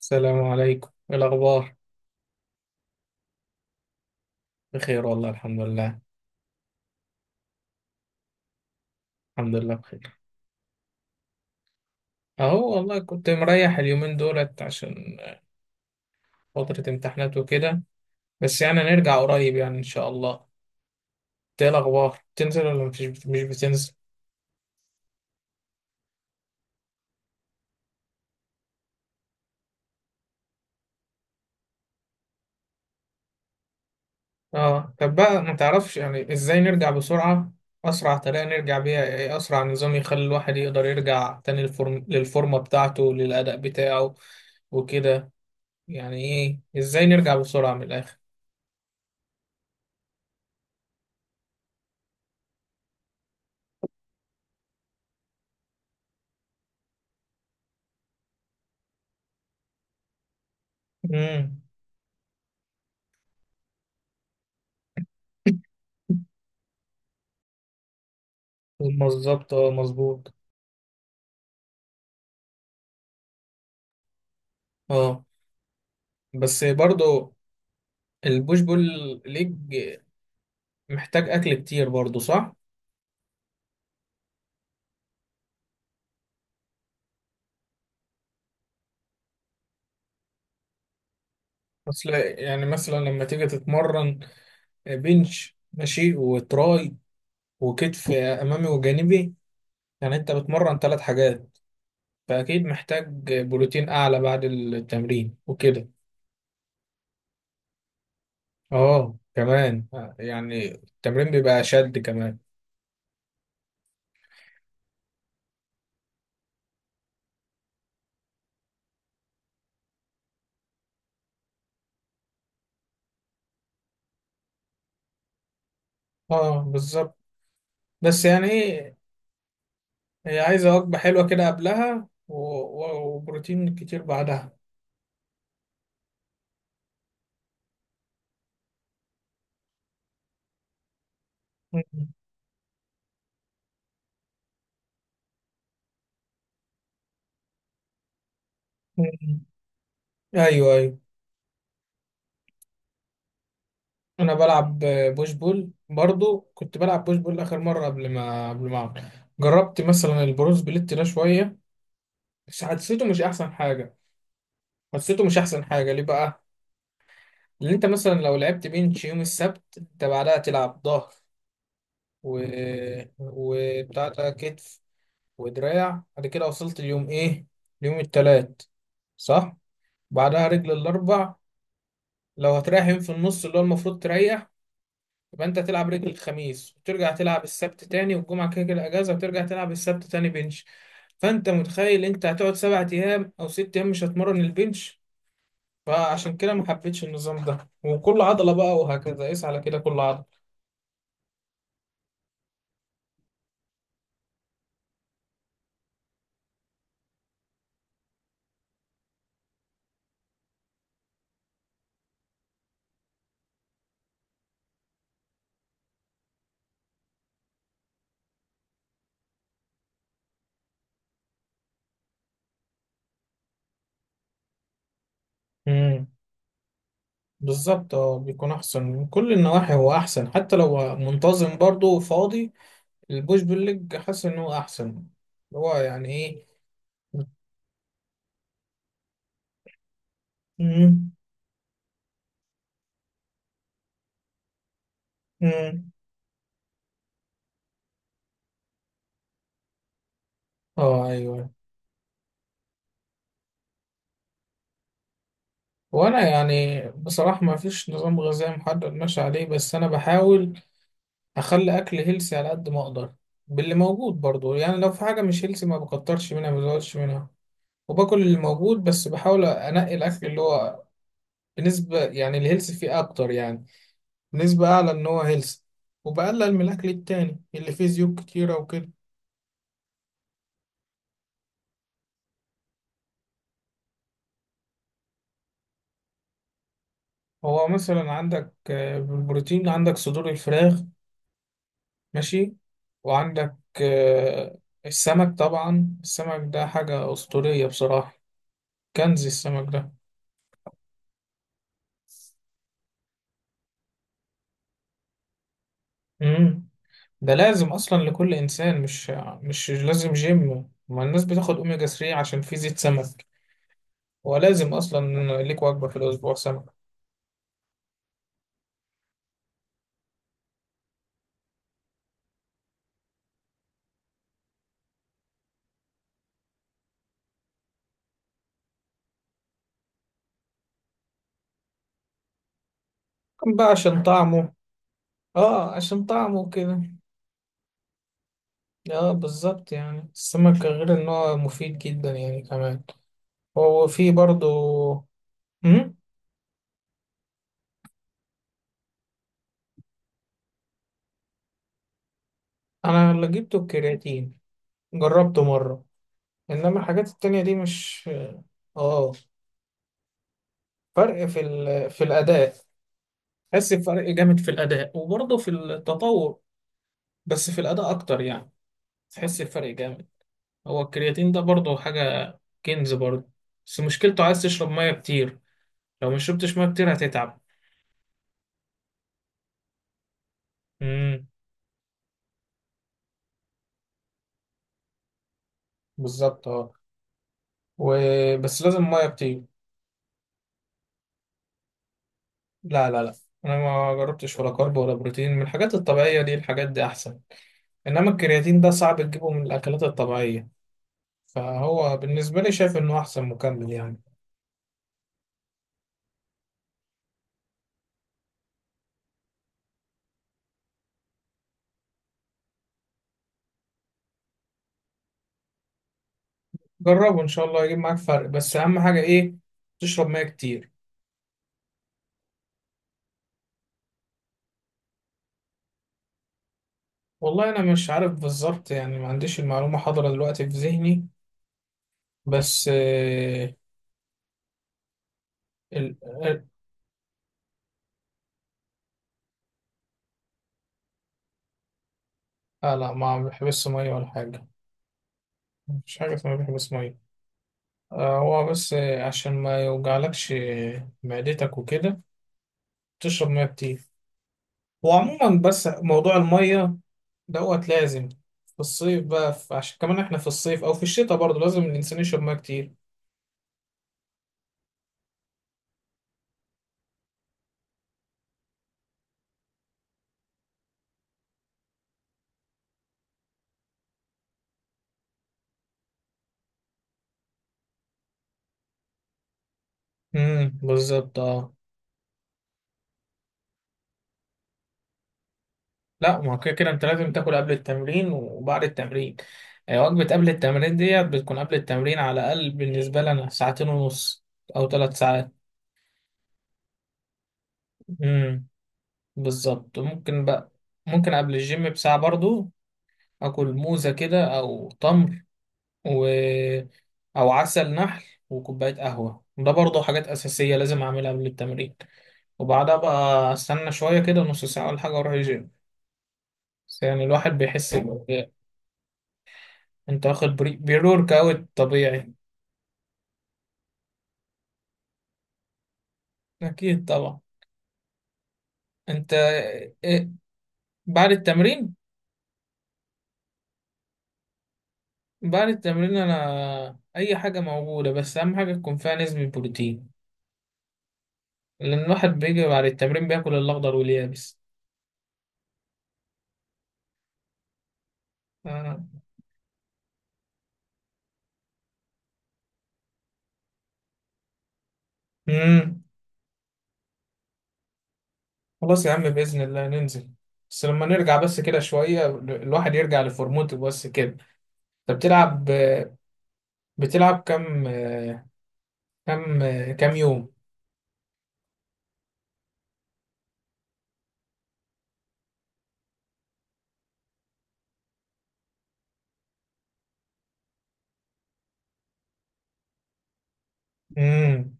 السلام عليكم، إيه الأخبار؟ بخير والله الحمد لله. الحمد لله بخير. أهو والله كنت مريح اليومين دولت عشان فترة امتحانات وكده. بس يعني هنرجع قريب يعني إن شاء الله. إنت إيه الأخبار؟ بتنزل ولا مفيش؟ مش بتنزل؟ آه طب بقى ما تعرفش يعني إزاي نرجع بسرعة؟ أسرع طريقة نرجع بيها إيه؟ أسرع نظام يخلي الواحد يقدر يرجع تاني الفورم للفورمة بتاعته، للأداء بتاعه وكده، يعني إيه إزاي نرجع بسرعة من الآخر؟ امم، بالظبط اه، مظبوط. اه بس برضو البوش بول ليج محتاج اكل كتير برضو، صح؟ اصل يعني مثلا لما تيجي تتمرن بنش ماشي وتراي وكتف امامي وجانبي، يعني انت بتمرن ثلاث حاجات، فاكيد محتاج بروتين اعلى بعد التمرين وكده. اه كمان، يعني التمرين بيبقى شد كمان. اه بالظبط. بس يعني ايه، هي عايزة وجبة حلوة كده قبلها وبروتين كتير بعدها. ايوه ايوه. انا بلعب بوش بول برضو، كنت بلعب بوش بول اخر مره قبل ما أعمل. جربت مثلا البرو سبليت ده شويه، بس حسيته مش احسن حاجه. حسيته مش احسن حاجه ليه بقى؟ اللي انت مثلا لو لعبت بنش يوم السبت انت بعدها تلعب ظهر، و وبتاع ده كتف ودراع، بعد كده وصلت اليوم ايه؟ اليوم التلات، صح؟ بعدها رجل الاربع. لو هتريح يوم في النص اللي هو المفروض تريح، يبقى انت تلعب رجل الخميس وترجع تلعب السبت تاني، والجمعة كده كده اجازة، وترجع تلعب السبت تاني بنش. فانت متخيل انت هتقعد سبع ايام او ست ايام مش هتمرن البنش. فعشان كده ما حبيتش النظام ده، وكل عضلة بقى وهكذا، قيس على كده كل عضلة. امم، بالظبط اه، بيكون احسن من كل النواحي. هو احسن حتى لو منتظم برضه وفاضي. البوش بالليج حاسس ان هو احسن. هو يعني ايه؟ امم. امم. اه ايوه. وانا يعني بصراحة ما فيش نظام غذائي محدد ماشي عليه، بس انا بحاول اخلي اكل هيلسي على قد ما اقدر، باللي موجود برضو. يعني لو في حاجة مش هيلسي ما بكترش منها، ما بزودش منها، وباكل اللي موجود، بس بحاول انقي الاكل اللي هو بنسبة يعني الهيلسي فيه اكتر، يعني نسبة اعلى ان هو هيلسي، وبقلل من الاكل التاني اللي فيه زيوت كتيرة وكده. هو مثلا عندك بالبروتين عندك صدور الفراخ، ماشي، وعندك آه، السمك. طبعا السمك ده حاجة أسطورية بصراحة، كنز السمك ده. مم. ده لازم أصلا لكل إنسان، مش مش لازم جيم. ما الناس بتاخد أوميجا 3 عشان فيه زيت سمك، ولازم أصلا ليك وجبة في الأسبوع سمك. بقى عشان طعمه. اه عشان طعمه كده. اه بالظبط، يعني السمك غير ان هو مفيد جدا يعني كمان، هو فيه برضو. مم؟ انا اللي جبته الكرياتين، جربته مرة، انما الحاجات التانية دي مش. اه، فرق في في الاداء، تحس بفرق جامد في الاداء، وبرضه في التطور، بس في الاداء اكتر يعني. تحس بفرق جامد. هو الكرياتين ده برضه حاجة كنز برضه، بس مشكلته عايز تشرب مية كتير. لو ما شربتش مية كتير هتتعب. امم بالظبط اه. و... بس لازم مية كتير. لا لا لا، انا ما جربتش ولا كارب ولا بروتين. من الحاجات الطبيعية دي، الحاجات دي احسن، انما الكرياتين ده صعب تجيبه من الاكلات الطبيعية. فهو بالنسبة لي شايف إنه أحسن مكمل يعني. جربه إن شاء الله يجيب معاك فرق، بس أهم حاجة إيه، تشرب مية كتير. والله أنا مش عارف بالظبط، يعني ما عنديش المعلومة حاضرة دلوقتي في ذهني، بس آه ال... ال... آه لا، ما بيحبسش مية ولا حاجة، مفيش حاجة اسمها بيحبس مية. آه هو بس آه عشان ما يوجعلكش معدتك وكده تشرب مية كتير. وعموما بس موضوع المية دوت لازم. في الصيف بقى عشان كمان احنا في الصيف او في الشتاء برضه لازم الانسان يشرب ميه كتير. بالظبط اه. لا، ما هو كده كده انت لازم تاكل قبل التمرين وبعد التمرين. وجبة قبل التمرين ديت بتكون قبل التمرين على الأقل بالنسبة لنا ساعتين ونص أو ثلاث ساعات. امم بالظبط. ممكن بقى، ممكن قبل الجيم بساعة برضو أكل موزة كده أو تمر و أو عسل نحل وكوباية قهوة، ده برضو حاجات أساسية لازم أعملها قبل التمرين. وبعدها بقى استنى شوية كده نص ساعة ولا حاجة واروح الجيم. بس يعني الواحد بيحس. طب ب- انت واخد بريورك اوت طبيعي؟ اكيد طبعا. انت إيه بعد التمرين؟ بعد التمرين انا اي حاجة موجودة، بس اهم حاجة تكون فيها نسبة بروتين، لان الواحد بيجي بعد التمرين بياكل الاخضر واليابس. آه. امم. خلاص يا عم بإذن الله ننزل، بس لما نرجع بس كده شوية الواحد يرجع لفورمته بس كده. انت بتلعب، بتلعب كام، كام، كام يوم؟ امم.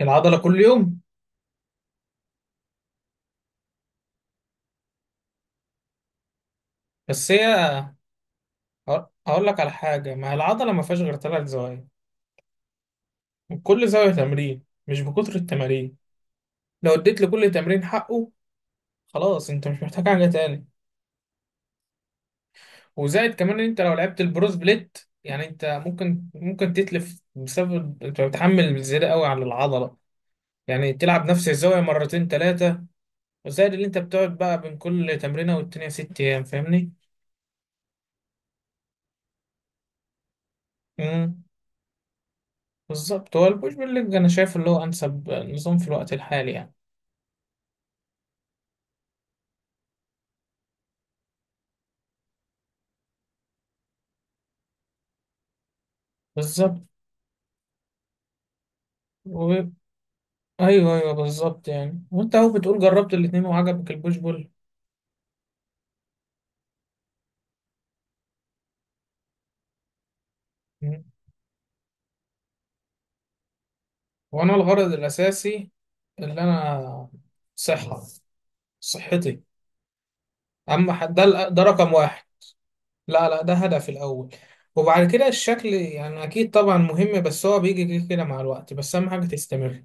العضله كل يوم. بس هي، هقول لك على حاجه، ما هي العضله ما فيهاش غير ثلاث زوايا، وكل زاويه تمرين، مش بكتر التمارين. لو اديت لكل تمرين حقه خلاص انت مش محتاج حاجه تاني. وزائد كمان ان انت لو لعبت البروز بليت يعني انت ممكن، ممكن تتلف بسبب انت بتحمل زياده قوي على العضله، يعني تلعب نفس الزاويه مرتين ثلاثه. وزائد اللي انت بتقعد بقى بين كل تمرينه والتانيه ست ايام، فاهمني؟ بالظبط. هو البوش بول ليج انا شايف اللي هو انسب نظام في الوقت الحالي يعني. بالظبط. و... ايوه ايوه بالظبط. يعني وانت اهو بتقول جربت الاتنين وعجبك البوش بول. مم. وانا الغرض الاساسي اللي انا، صحه، صحتي. اما حد ده ده رقم واحد. لا لا، ده هدف الاول، وبعد كده الشكل يعني اكيد طبعا مهم، بس هو بيجي كده كده مع الوقت، بس اهم حاجه تستمر.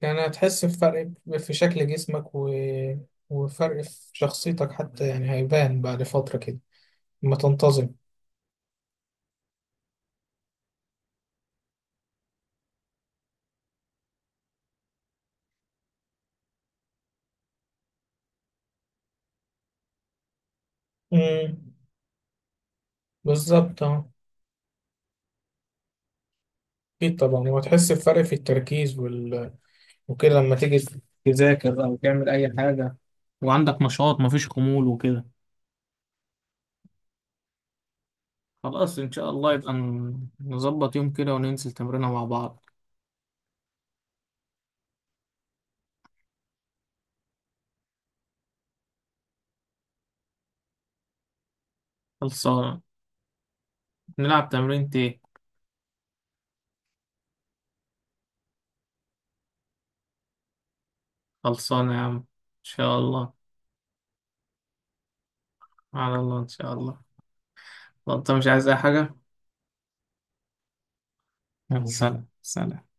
يعني هتحس بفرق في شكل جسمك و... وفرق في شخصيتك حتى، يعني هيبان بعد فترة كده لما تنتظم. امم بالظبط اه. اكيد طبعا، وهتحس بفرق في التركيز وال... وكده لما تيجي تذاكر او تعمل اي حاجة، وعندك نشاط، مفيش خمول وكده. خلاص ان شاء الله يبقى نظبط يوم كده وننزل تمرينه مع بعض. خلصانة. نلعب تمرين ايه؟ خلصانة يا عم، ان شاء الله. على الله، ان شاء الله. طب انت مش عايز اي حاجة؟ يلا سلام سلام.